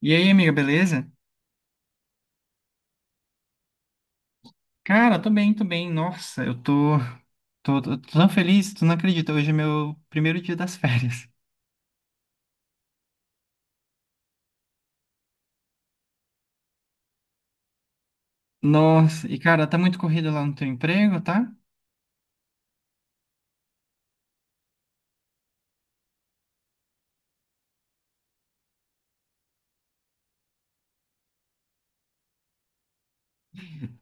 E aí, amiga, beleza? Cara, tô bem, tô bem. Nossa, eu tô tão feliz, tu não acredita. Hoje é meu primeiro dia das férias. Nossa, e cara, tá muito corrido lá no teu emprego, tá?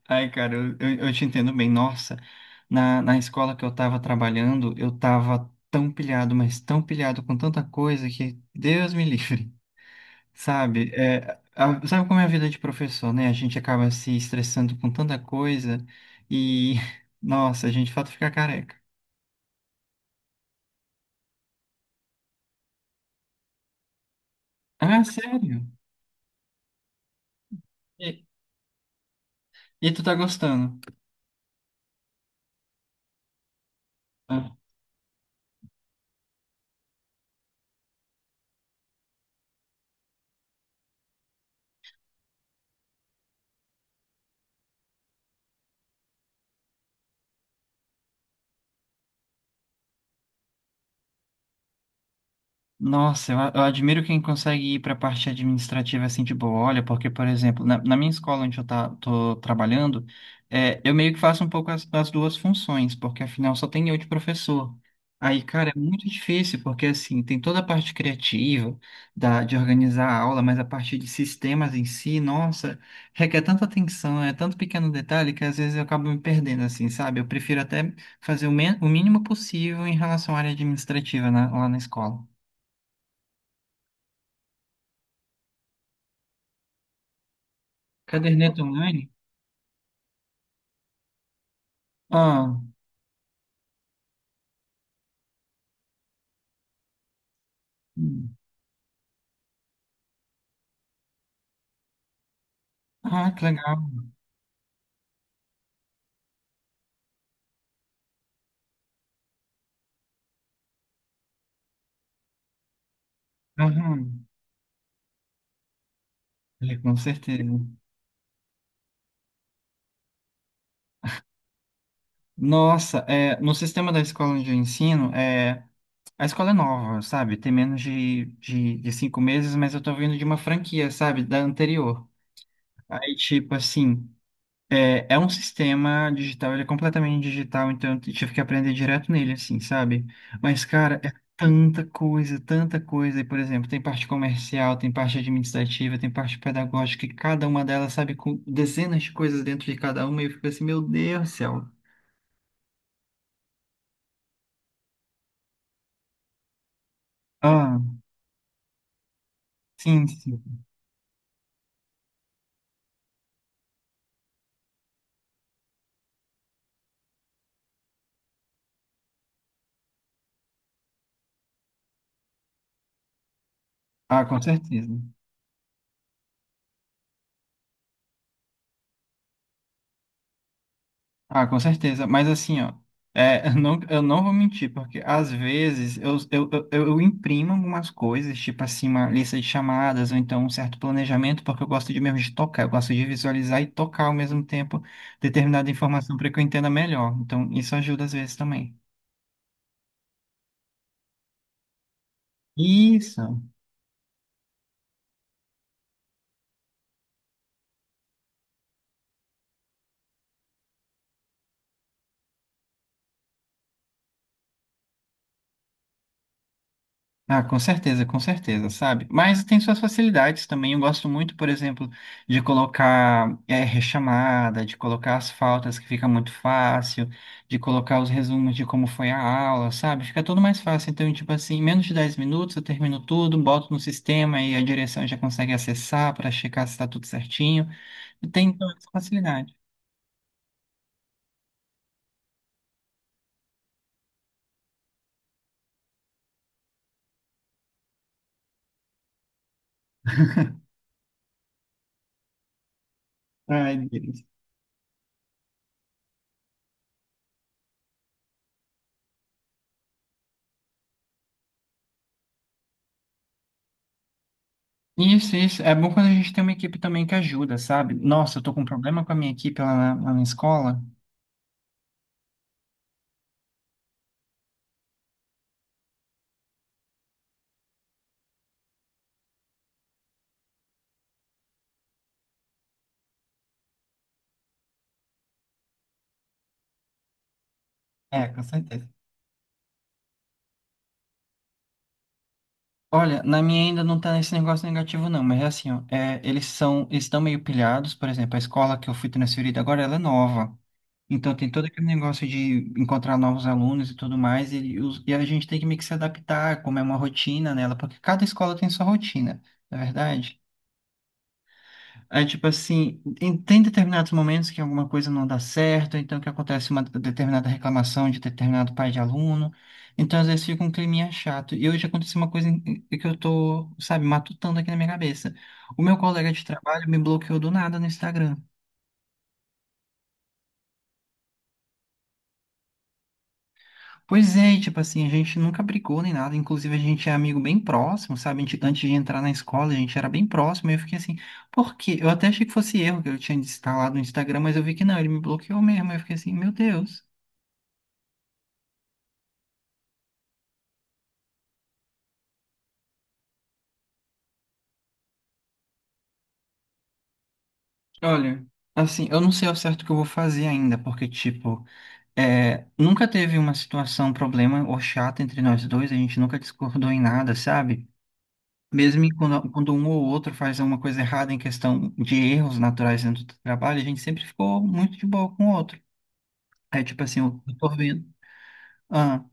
Ai, cara, eu te entendo bem. Nossa, na escola que eu tava trabalhando, eu tava tão pilhado, mas tão pilhado com tanta coisa que Deus me livre, sabe? É, sabe como é a vida de professor, né? A gente acaba se estressando com tanta coisa e, nossa, a gente de fato fica careca. Ah, sério? E, e tu tá gostando? Tá? Nossa, eu admiro quem consegue ir para a parte administrativa assim de boa. Olha, porque, por exemplo, na minha escola onde eu tô trabalhando, é, eu meio que faço um pouco as duas funções, porque afinal só tem eu de professor. Aí, cara, é muito difícil, porque assim, tem toda a parte criativa da, de organizar a aula, mas a parte de sistemas em si, nossa, requer tanta atenção, é tanto pequeno detalhe que às vezes eu acabo me perdendo, assim, sabe? Eu prefiro até fazer o mínimo possível em relação à área administrativa lá na escola. Caderneta online? Ah, hum. Ah, que legal. Aham. É, com certeza. Nossa, é, no sistema da escola onde eu ensino, é, a escola é nova, sabe? Tem menos de 5 meses, mas eu tô vindo de uma franquia, sabe? Da anterior. Aí, tipo assim. É, é um sistema digital, ele é completamente digital, então eu tive que aprender direto nele, assim, sabe? Mas, cara, é tanta coisa, tanta coisa. E, por exemplo, tem parte comercial, tem parte administrativa, tem parte pedagógica, e cada uma delas, sabe, com dezenas de coisas dentro de cada uma, e eu fico assim, meu Deus do céu. Ah, sim, sim. Ah, com certeza. Ah, com certeza. Mas assim, ó, é, eu não vou mentir, porque às vezes eu imprimo algumas coisas, tipo assim, uma lista de chamadas, ou então um certo planejamento, porque eu gosto de mesmo de tocar, eu gosto de visualizar e tocar ao mesmo tempo determinada informação para que eu entenda melhor. Então, isso ajuda às vezes também. Isso. Ah, com certeza, sabe? Mas tem suas facilidades também. Eu gosto muito, por exemplo, de colocar rechamada, de colocar as faltas que fica muito fácil, de colocar os resumos de como foi a aula, sabe? Fica tudo mais fácil. Então, tipo assim, em menos de 10 minutos eu termino tudo, boto no sistema e a direção já consegue acessar para checar se está tudo certinho. E tem toda essa facilidade. Ai, Deus. Isso, isso. É bom quando a gente tem uma equipe também que ajuda, sabe? Nossa, eu tô com um problema com a minha equipe lá na escola. É, com certeza. Olha, na minha ainda não tá nesse negócio negativo, não, mas é assim, ó, é, eles estão meio pilhados, por exemplo, a escola que eu fui transferida agora, ela é nova. Então tem todo aquele negócio de encontrar novos alunos e tudo mais, e, e a gente tem que meio que se adaptar, como é uma rotina nela, porque cada escola tem sua rotina, não é verdade? É tipo assim, tem determinados momentos que alguma coisa não dá certo, então que acontece uma determinada reclamação de determinado pai de aluno, então às vezes fica um climinha chato. E hoje aconteceu uma coisa que eu tô, sabe, matutando aqui na minha cabeça. O meu colega de trabalho me bloqueou do nada no Instagram. Pois é, e, tipo assim, a gente nunca brigou nem nada, inclusive a gente é amigo bem próximo, sabe? A gente- Antes de entrar na escola, a gente era bem próximo, e eu fiquei assim, por quê? Eu até achei que fosse erro que eu tinha instalado no Instagram, mas eu vi que não, ele me bloqueou mesmo, eu fiquei assim, meu Deus. Olha, assim, eu não sei ao certo o que eu vou fazer ainda, porque, tipo, é, nunca teve uma situação, problema ou chata entre nós dois, a gente nunca discordou em nada, sabe? Mesmo quando um ou outro faz alguma coisa errada em questão de erros naturais dentro do trabalho, a gente sempre ficou muito de boa com o outro. É tipo assim, eu tô vendo. Ah,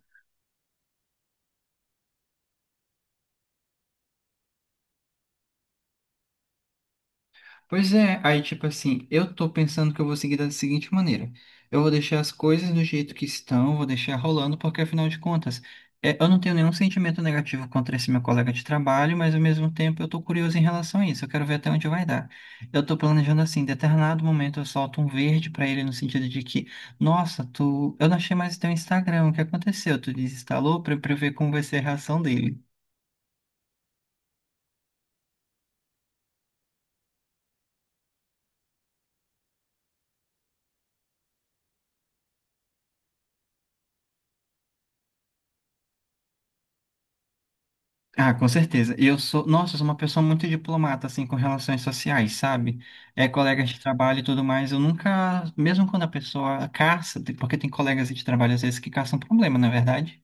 pois é, aí tipo assim, eu tô pensando que eu vou seguir da seguinte maneira. Eu vou deixar as coisas do jeito que estão, vou deixar rolando, porque afinal de contas, é, eu não tenho nenhum sentimento negativo contra esse meu colega de trabalho, mas ao mesmo tempo eu tô curioso em relação a isso, eu quero ver até onde vai dar. Eu tô planejando assim, em determinado momento eu solto um verde pra ele no sentido de que, nossa, tu, eu não achei mais teu Instagram, o que aconteceu? Tu desinstalou pra eu ver como vai ser a reação dele. Ah, com certeza. Nossa, eu sou uma pessoa muito diplomata, assim, com relações sociais, sabe? É, colegas de trabalho e tudo mais. Eu nunca, mesmo quando a pessoa caça, porque tem colegas de trabalho às vezes que caçam problema, não é verdade?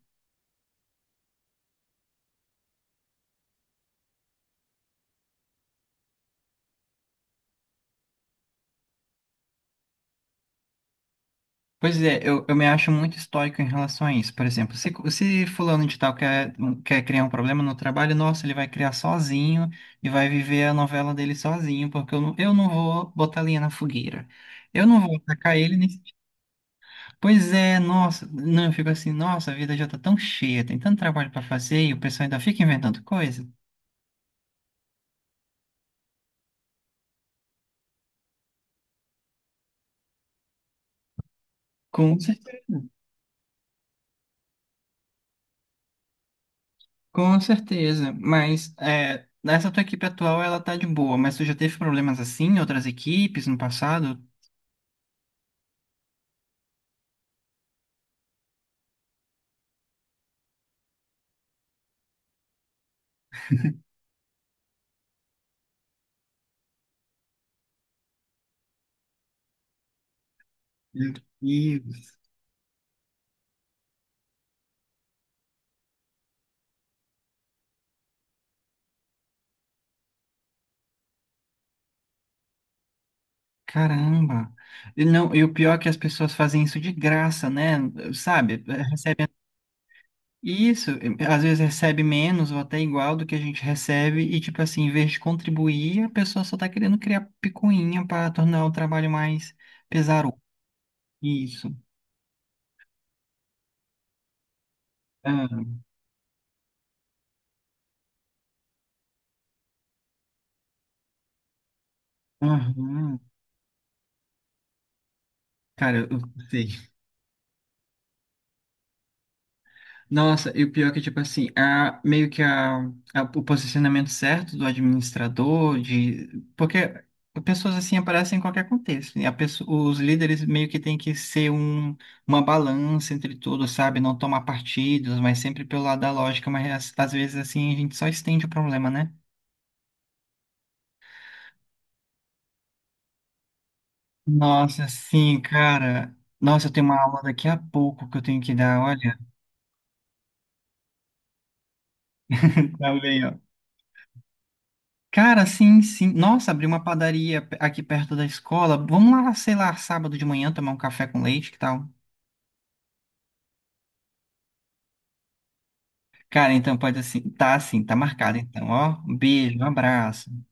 Pois é, eu me acho muito estoico em relação a isso. Por exemplo, se fulano de tal quer criar um problema no trabalho, nossa, ele vai criar sozinho e vai viver a novela dele sozinho, porque eu não vou botar linha na fogueira. Eu não vou atacar ele. Pois é, nossa, não, eu fico assim, nossa, a vida já tá tão cheia, tem tanto trabalho pra fazer e o pessoal ainda fica inventando coisa. Com certeza, com certeza, mas é, essa tua equipe atual, ela tá de boa, mas tu já teve problemas assim em outras equipes no passado? E, caramba. E não, e o pior é que as pessoas fazem isso de graça, né? Sabe? E isso, eh, às vezes recebe menos ou até igual do que a gente recebe, e tipo assim, em vez de contribuir, a pessoa só tá querendo criar picuinha para tornar o trabalho mais pesaroso. Isso. Ah, aham. Cara, eu sei. Nossa, e o pior é que, tipo assim, a, meio que o posicionamento certo do administrador, de, porque pessoas assim aparecem em qualquer contexto, né? A pessoa, os líderes meio que têm que ser um, uma balança entre tudo, sabe? Não tomar partidos, mas sempre pelo lado da lógica, mas às vezes assim a gente só estende o problema, né? Nossa, sim, cara. Nossa, eu tenho uma aula daqui a pouco que eu tenho que dar, olha. Tá bem, ó. Cara, sim, sim. Nossa, abri uma padaria aqui perto da escola. Vamos lá, sei lá, sábado de manhã tomar um café com leite, que tal? Cara, então pode assim. Tá assim, tá marcado então, ó. Um beijo, um abraço.